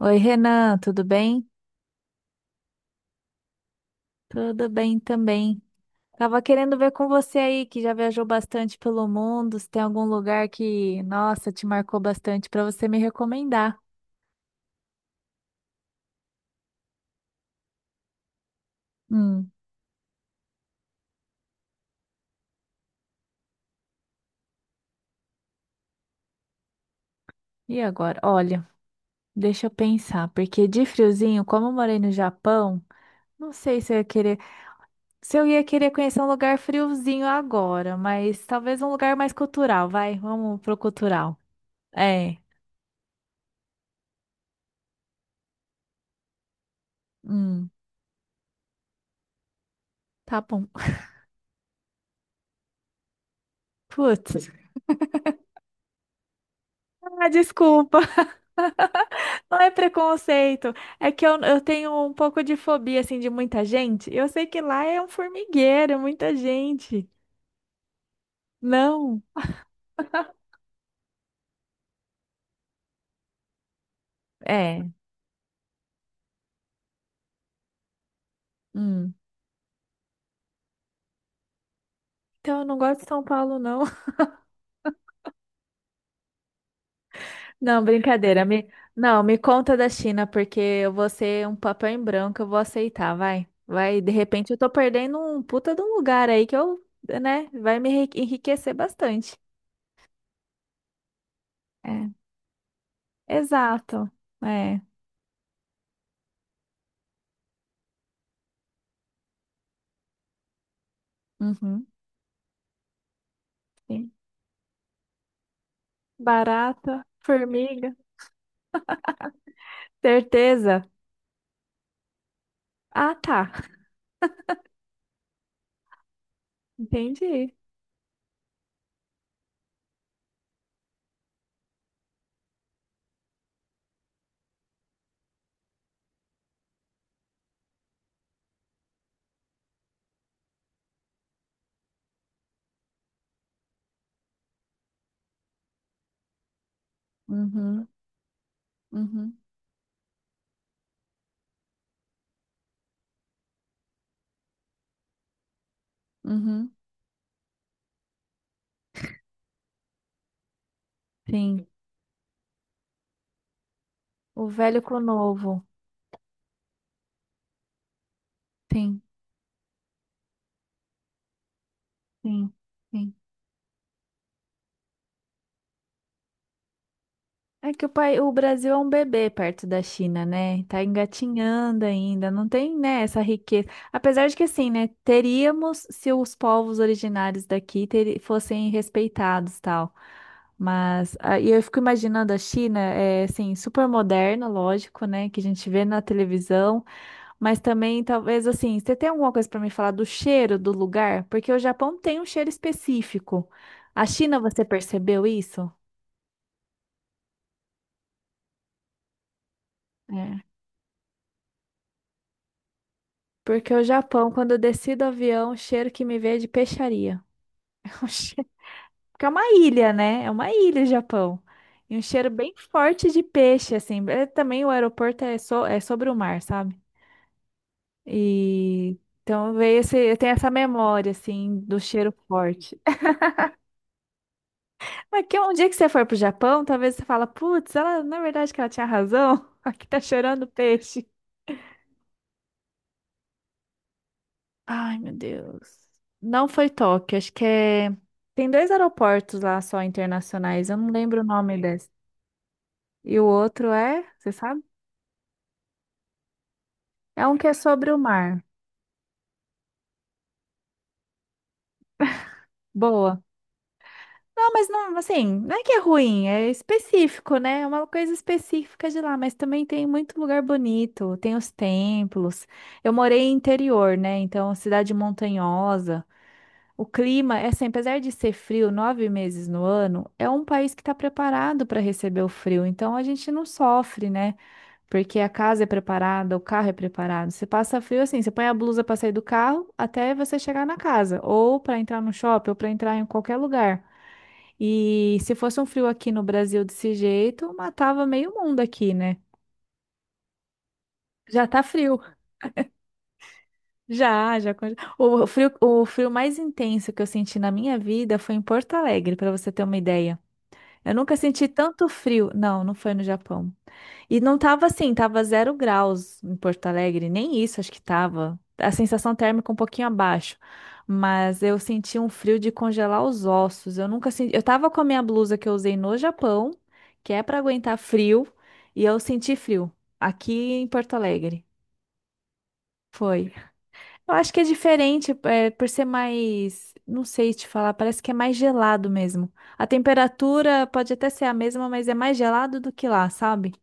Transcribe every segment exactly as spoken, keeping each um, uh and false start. Oi, Renan, tudo bem? Tudo bem também. Tava querendo ver com você aí, que já viajou bastante pelo mundo, se tem algum lugar que, nossa, te marcou bastante para você me recomendar. Hum, e agora? Olha, deixa eu pensar, porque de friozinho, como eu morei no Japão, não sei se eu ia querer, se eu ia querer conhecer um lugar friozinho agora, mas talvez um lugar mais cultural, vai, vamos pro cultural. É, hum, tá bom. Putz, ah, desculpa. Não é preconceito, é que eu, eu tenho um pouco de fobia, assim, de muita gente. Eu sei que lá é um formigueiro, é muita gente. Não, é. Hum. Então, eu não gosto de São Paulo, não. Não, brincadeira. Me, não, me conta da China, porque eu vou ser um papel em branco, eu vou aceitar, vai. Vai, de repente eu tô perdendo um puta de um lugar aí que eu, né, vai me enri- enriquecer bastante. É, exato. É. Uhum, sim. Barata, formiga, certeza. Ah, tá. Entendi. Uhum, uhum, uhum. Sim. O velho com o novo. Sim, sim, sim. É que o pai, o Brasil é um bebê perto da China, né? Tá engatinhando ainda, não tem, né, essa riqueza. Apesar de que assim, né, teríamos se os povos originários daqui teri- fossem respeitados, tal. Mas ah, e eu fico imaginando a China, é assim, super moderna, lógico, né, que a gente vê na televisão. Mas também, talvez assim, você tem alguma coisa para me falar do cheiro do lugar? Porque o Japão tem um cheiro específico. A China, você percebeu isso? É. Porque o Japão, quando eu desci do avião, o cheiro que me veio é de peixaria. É um cheiro- Porque é uma ilha, né? É uma ilha, o Japão. E um cheiro bem forte de peixe, assim. É, também o aeroporto é, so... é sobre o mar, sabe? E então veio esse, eu tenho essa memória, assim, do cheiro forte. Mas que um dia que você for pro Japão, talvez você fala, putz, ela, na verdade que ela tinha razão. Aqui tá chorando peixe. Ai, meu Deus. Não foi Tóquio, acho que é. Tem dois aeroportos lá só internacionais, eu não lembro o nome desse. E o outro é, você sabe? É um que é sobre o mar. Boa. Não, mas não, assim, não é que é ruim, é específico, né? É uma coisa específica de lá, mas também tem muito lugar bonito, tem os templos. Eu morei em interior, né? Então, cidade montanhosa. O clima, é assim, apesar de ser frio nove meses no ano, é um país que está preparado para receber o frio. Então a gente não sofre, né? Porque a casa é preparada, o carro é preparado. Você passa frio assim, você põe a blusa para sair do carro até você chegar na casa, ou para entrar no shopping, ou para entrar em qualquer lugar. E se fosse um frio aqui no Brasil desse jeito, matava meio mundo aqui, né? Já tá frio. Já, já. conge- O frio, o frio mais intenso que eu senti na minha vida foi em Porto Alegre, para você ter uma ideia. Eu nunca senti tanto frio. Não, não foi no Japão. E não tava assim, tava zero graus em Porto Alegre, nem isso acho que tava. A sensação térmica um pouquinho abaixo. Mas eu senti um frio de congelar os ossos. Eu nunca senti. Eu tava com a minha blusa que eu usei no Japão, que é pra aguentar frio, e eu senti frio aqui em Porto Alegre. Foi. Eu acho que é diferente, é, por ser mais, não sei te falar, parece que é mais gelado mesmo. A temperatura pode até ser a mesma, mas é mais gelado do que lá, sabe?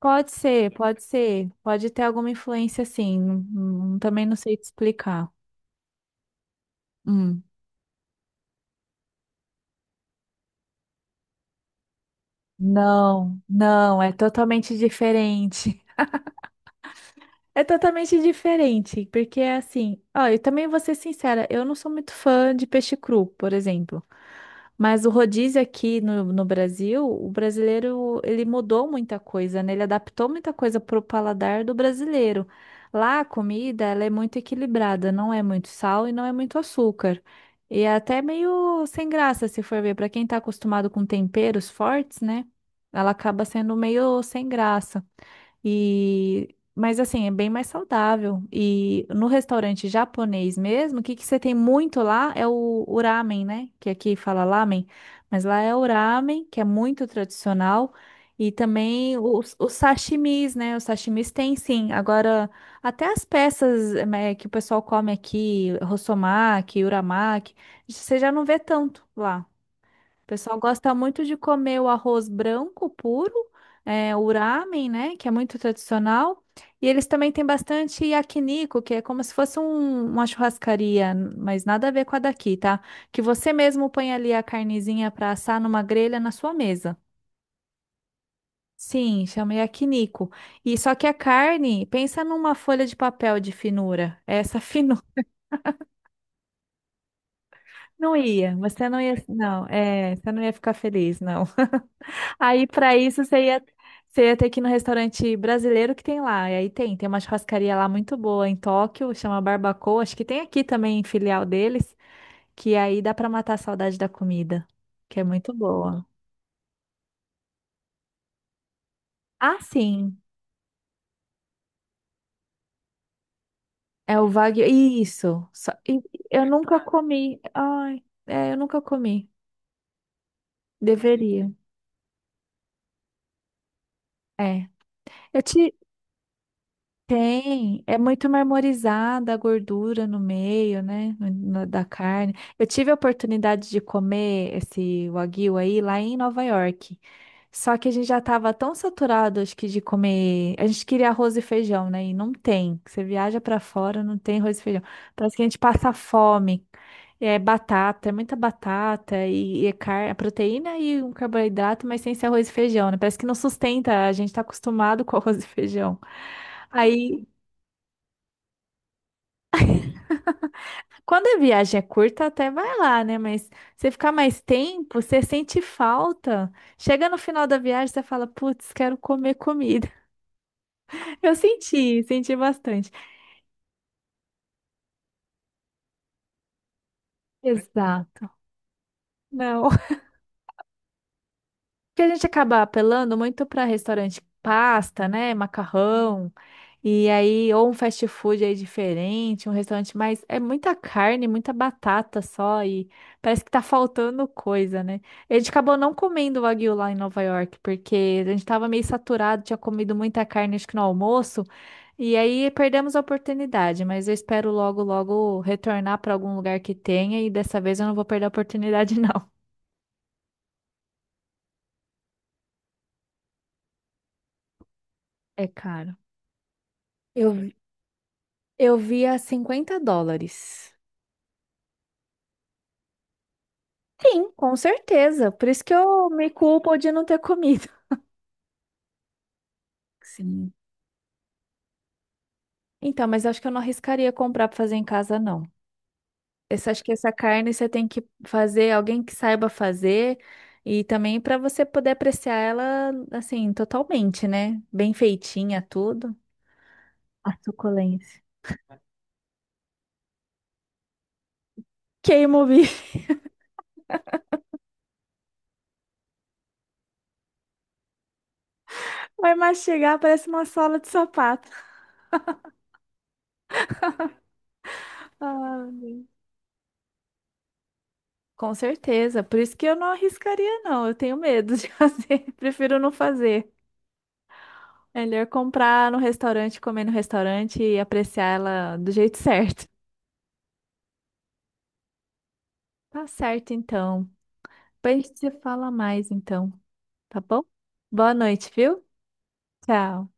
Pode ser, pode ser, pode ter alguma influência assim. hum, Também não sei te explicar. Hum. Não, não, é totalmente diferente. É totalmente diferente, porque é assim, ó, eu também vou ser sincera, eu não sou muito fã de peixe cru, por exemplo. Mas o rodízio aqui no, no Brasil, o brasileiro, ele mudou muita coisa, né? Ele adaptou muita coisa pro paladar do brasileiro. Lá a comida, ela é muito equilibrada, não é muito sal e não é muito açúcar. E é até meio sem graça, se for ver, para quem tá acostumado com temperos fortes, né? Ela acaba sendo meio sem graça. E mas assim, é bem mais saudável. E no restaurante japonês mesmo, o que que você tem muito lá é o, o ramen, né? Que aqui fala lamen, mas lá é o ramen, que é muito tradicional. E também os, os sashimis, né? Os sashimis tem sim. Agora, até as peças, né, que o pessoal come aqui, rossomaki, uramaki, você já não vê tanto lá. O pessoal gosta muito de comer o arroz branco puro, é, o ramen, né, que é muito tradicional. E eles também têm bastante yakiniku, que é como se fosse um- uma churrascaria, n- mas nada a ver com a daqui, tá? Que você mesmo põe ali a carnezinha para assar numa grelha na sua mesa. Sim, chama yakiniku. E só que a carne, pensa numa folha de papel de finura. Essa finura. Não ia, você não ia, não, é, você não ia ficar feliz, não. Aí, pra isso, você ia, você ia ter que ir no restaurante brasileiro que tem lá. E aí tem, tem uma churrascaria lá muito boa em Tóquio, chama Barbacoa. Acho que tem aqui também filial deles, que aí dá pra matar a saudade da comida, que é muito boa. Ah, sim, é o Wagyu. Isso. Só- e- eu nunca comi. Ai, é, eu nunca comi. Deveria. É. Eu te, tem, é muito marmorizada a gordura no meio, né, no- na- da carne. Eu tive a oportunidade de comer esse wagyu aí lá em Nova York. Só que a gente já estava tão saturado, acho que de comer. A gente queria arroz e feijão, né? E não tem. Você viaja para fora, não tem arroz e feijão. Parece que a gente passa fome. É batata, é muita batata e, e car... proteína e um carboidrato, mas sem ser arroz e feijão, né? Parece que não sustenta, a gente tá acostumado com arroz e feijão. Aí, quando a viagem é curta, até vai lá, né? Mas você ficar mais tempo, você sente falta. Chega no final da viagem, você fala, putz, quero comer comida. Eu senti, senti bastante. Exato. Não, que a gente acaba apelando muito para restaurante pasta, né, macarrão, e aí ou um fast food aí diferente, um restaurante mais é muita carne, muita batata só e parece que tá faltando coisa, né? A gente acabou não comendo wagyu lá em Nova York porque a gente tava meio saturado, tinha comido muita carne acho que no almoço. E aí perdemos a oportunidade, mas eu espero logo, logo retornar para algum lugar que tenha e dessa vez eu não vou perder a oportunidade, não. É caro. Eu Eu vi a cinquenta dólares. Sim, com certeza. Por isso que eu me culpo de não ter comido. Sim. Então, mas acho que eu não arriscaria comprar para fazer em casa, não. Essa, acho que essa carne você tem que fazer, alguém que saiba fazer, e também para você poder apreciar ela, assim, totalmente, né? Bem feitinha, tudo. A suculência. Queima o bife. Vai mastigar, parece uma sola de sapato. Ah. Com certeza. Por isso que eu não arriscaria, não. Eu tenho medo de fazer. Prefiro não fazer. Melhor comprar no restaurante, comer no restaurante e apreciar ela do jeito certo. Tá certo, então. Depois a gente se fala mais, então. Tá bom? Boa noite, viu? Tchau.